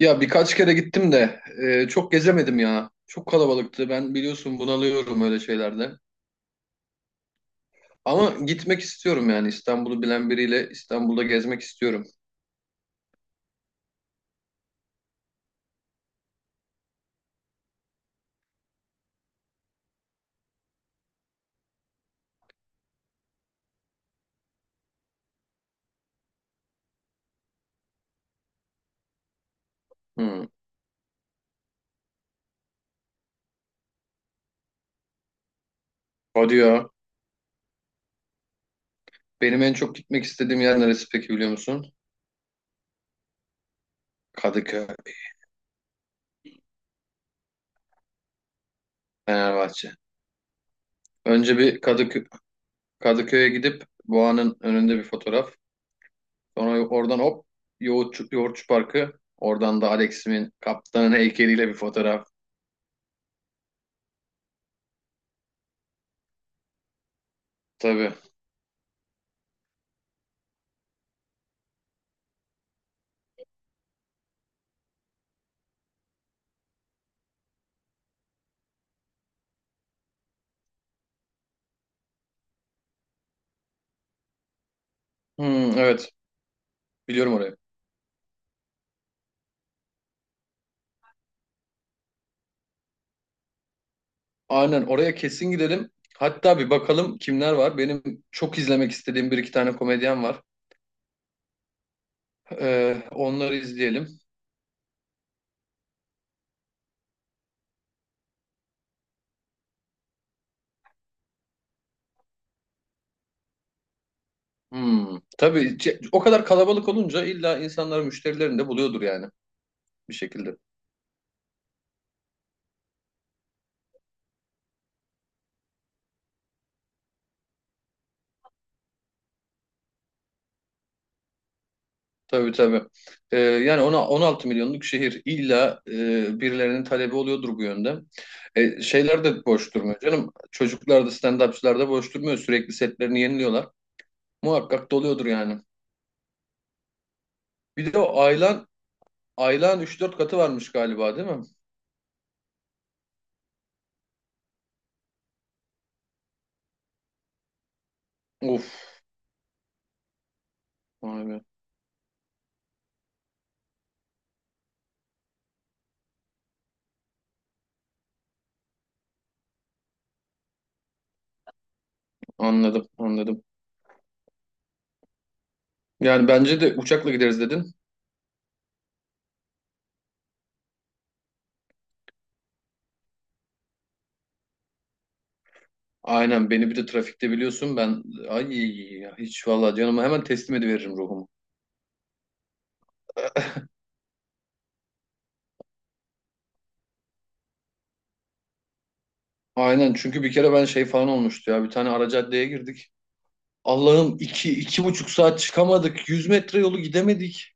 Ya birkaç kere gittim de çok gezemedim ya. Çok kalabalıktı. Ben biliyorsun bunalıyorum öyle şeylerde. Ama gitmek istiyorum yani İstanbul'u bilen biriyle İstanbul'da gezmek istiyorum. Hmm. Hadi ya. Benim en çok gitmek istediğim yer neresi peki biliyor musun? Kadıköy, Fenerbahçe. Önce bir Kadıköy'e gidip Boğa'nın önünde bir fotoğraf. Sonra oradan hop Yoğurtçu Parkı. Oradan da Alex'imin kaptanın heykeliyle bir fotoğraf. Tabii. Hmm, evet biliyorum orayı. Aynen oraya kesin gidelim. Hatta bir bakalım kimler var. Benim çok izlemek istediğim bir iki tane komedyen var. Onları izleyelim. Hmm. Tabii o kadar kalabalık olunca illa insanlar müşterilerini de buluyordur yani bir şekilde. Tabii tabii. Yani ona 16 milyonluk şehir illa birilerinin talebi oluyordur bu yönde. E, şeyler de boş durmuyor canım. Çocuklar da stand-upçılar da boş durmuyor. Sürekli setlerini yeniliyorlar. Muhakkak doluyordur yani. Bir de o Aylan 3-4 katı varmış galiba değil mi? Uf, vay be. Anladım, anladım. Yani bence de uçakla gideriz dedin. Aynen beni bir de trafikte biliyorsun ben ay ya, hiç vallahi canımı hemen teslim ediveririm ruhumu. Aynen çünkü bir kere ben şey falan olmuştu ya bir tane ara caddeye girdik. Allah'ım iki, 2,5 saat çıkamadık. 100 metre yolu gidemedik.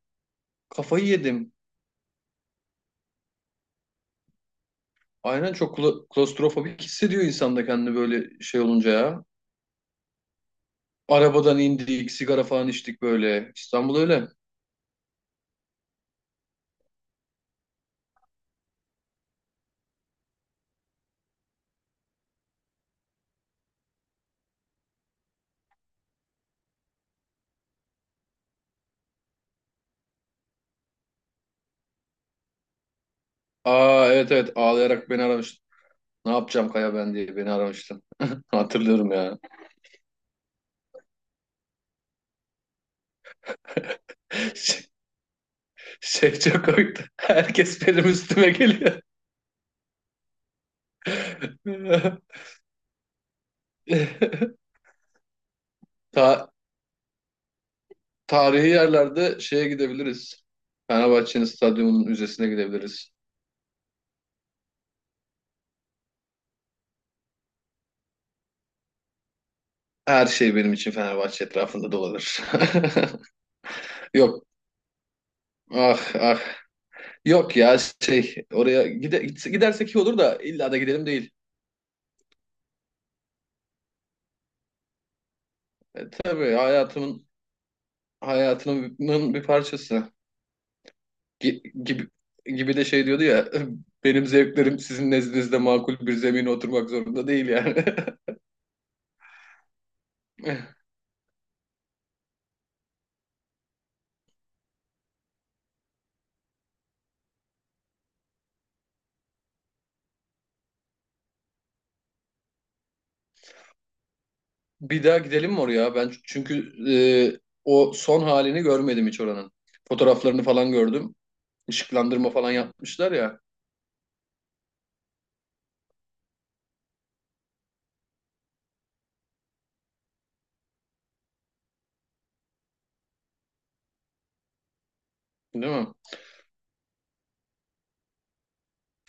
Kafayı yedim. Aynen çok klostrofobik hissediyor insan da kendini böyle şey olunca ya. Arabadan indik, sigara falan içtik böyle. İstanbul öyle. Aa evet evet ağlayarak beni aramış. Ne yapacağım Kaya ben diye beni aramıştın. Hatırlıyorum ya. Şey, şey çok komikti. Herkes benim üstüme geliyor. Ta- Tarihi yerlerde şeye gidebiliriz. Fenerbahçe'nin stadyumunun müzesine gidebiliriz. Her şey benim için Fenerbahçe etrafında dolanır. Yok. Ah ah. Yok ya şey oraya gidersek iyi olur da illa da gidelim değil. E, tabii hayatımın bir parçası. Gibi gibi de şey diyordu ya benim zevklerim sizin nezdinizde makul bir zemine oturmak zorunda değil yani. Bir daha gidelim mi oraya? Ben çünkü o son halini görmedim hiç oranın. Fotoğraflarını falan gördüm. Işıklandırma falan yapmışlar ya, değil mi?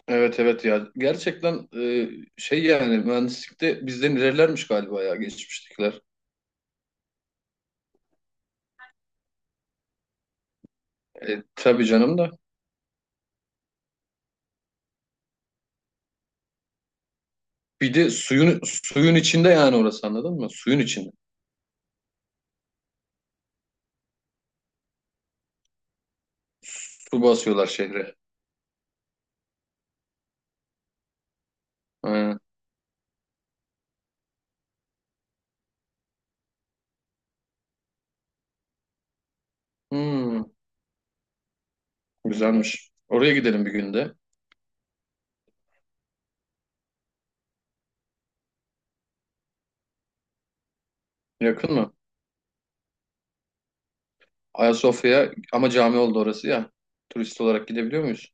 Evet evet ya. Gerçekten şey yani mühendislikte bizden ilerilermiş galiba ya geçmiştekiler. E, tabii canım da. Bir de suyun içinde yani orası anladın mı? Suyun içinde. Su basıyorlar şehre. Aynen. Hmm, güzelmiş. Oraya gidelim bir günde. Yakın mı? Ayasofya ama cami oldu orası ya. Turist olarak gidebiliyor muyuz?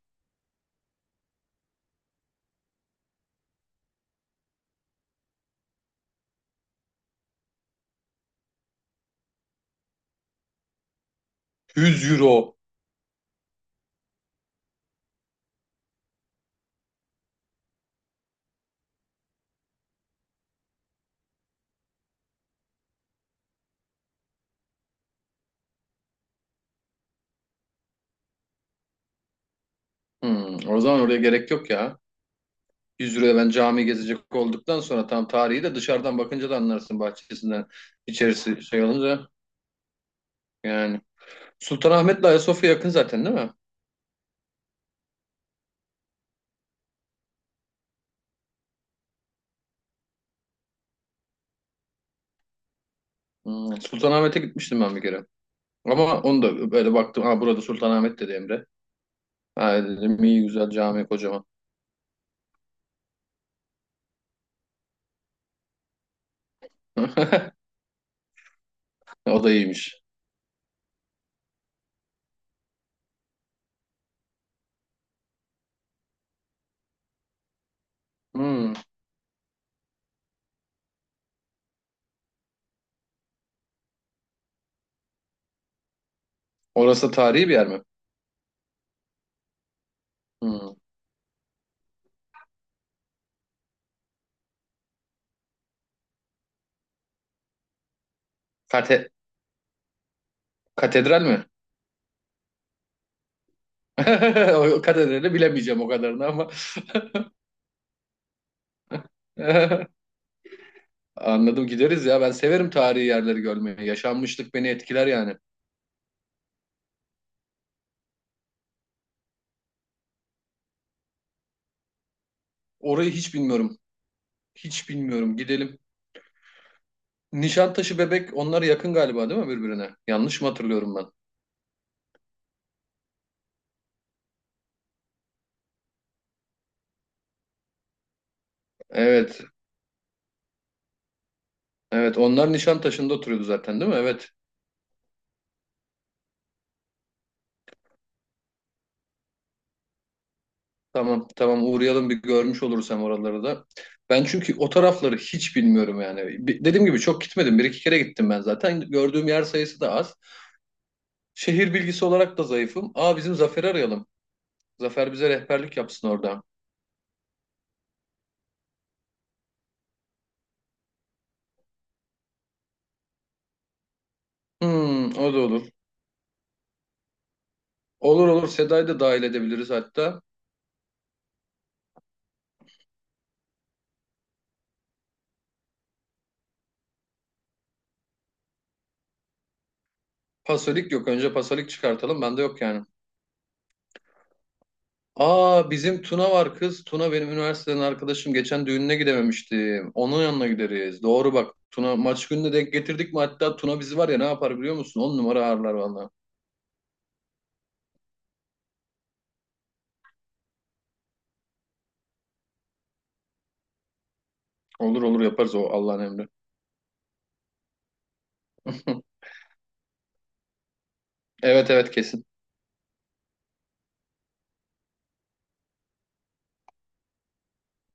100 euro. Hmm, o zaman oraya gerek yok ya. 100 euroya ben cami gezecek olduktan sonra tam tarihi de dışarıdan bakınca da anlarsın bahçesinden. İçerisi şey olunca yani. Sultanahmet'le Ayasofya yakın zaten değil mi? Hmm, Sultanahmet'e gitmiştim ben bir kere. Ama onu da böyle baktım. Ha burada Sultanahmet dedi Emre. Ha dedim iyi güzel cami kocaman. O da iyiymiş. Hmm. Orası tarihi bir yer mi? Hmm. Kate- Katedral mi? O katedrali bilemeyeceğim o kadarını ama. Anladım gideriz ya. Ben severim tarihi yerleri görmeyi. Yaşanmışlık beni etkiler yani. Orayı hiç bilmiyorum. Hiç bilmiyorum. Gidelim. Nişantaşı Bebek onlar yakın galiba değil mi birbirine? Yanlış mı hatırlıyorum ben? Evet. Evet onlar Nişantaşı'nda oturuyordu zaten değil mi? Evet. Tamam tamam uğrayalım bir görmüş oluruz hem oraları da. Ben çünkü o tarafları hiç bilmiyorum yani. Dediğim gibi çok gitmedim. Bir iki kere gittim ben zaten. Gördüğüm yer sayısı da az. Şehir bilgisi olarak da zayıfım. Aa bizim Zafer'i arayalım. Zafer bize rehberlik yapsın orada. Hmm, o da olur. Olur olur Seda'yı da dahil edebiliriz hatta. Pasolik yok. Önce Pasolik çıkartalım. Bende yok yani. Aa bizim Tuna var kız. Tuna benim üniversiteden arkadaşım. Geçen düğününe gidememiştim. Onun yanına gideriz. Doğru bak. Tuna maç gününe denk getirdik mi? Hatta Tuna bizi var ya ne yapar biliyor musun? On numara ağırlar valla. Olur olur yaparız o Allah'ın emri. Evet evet kesin.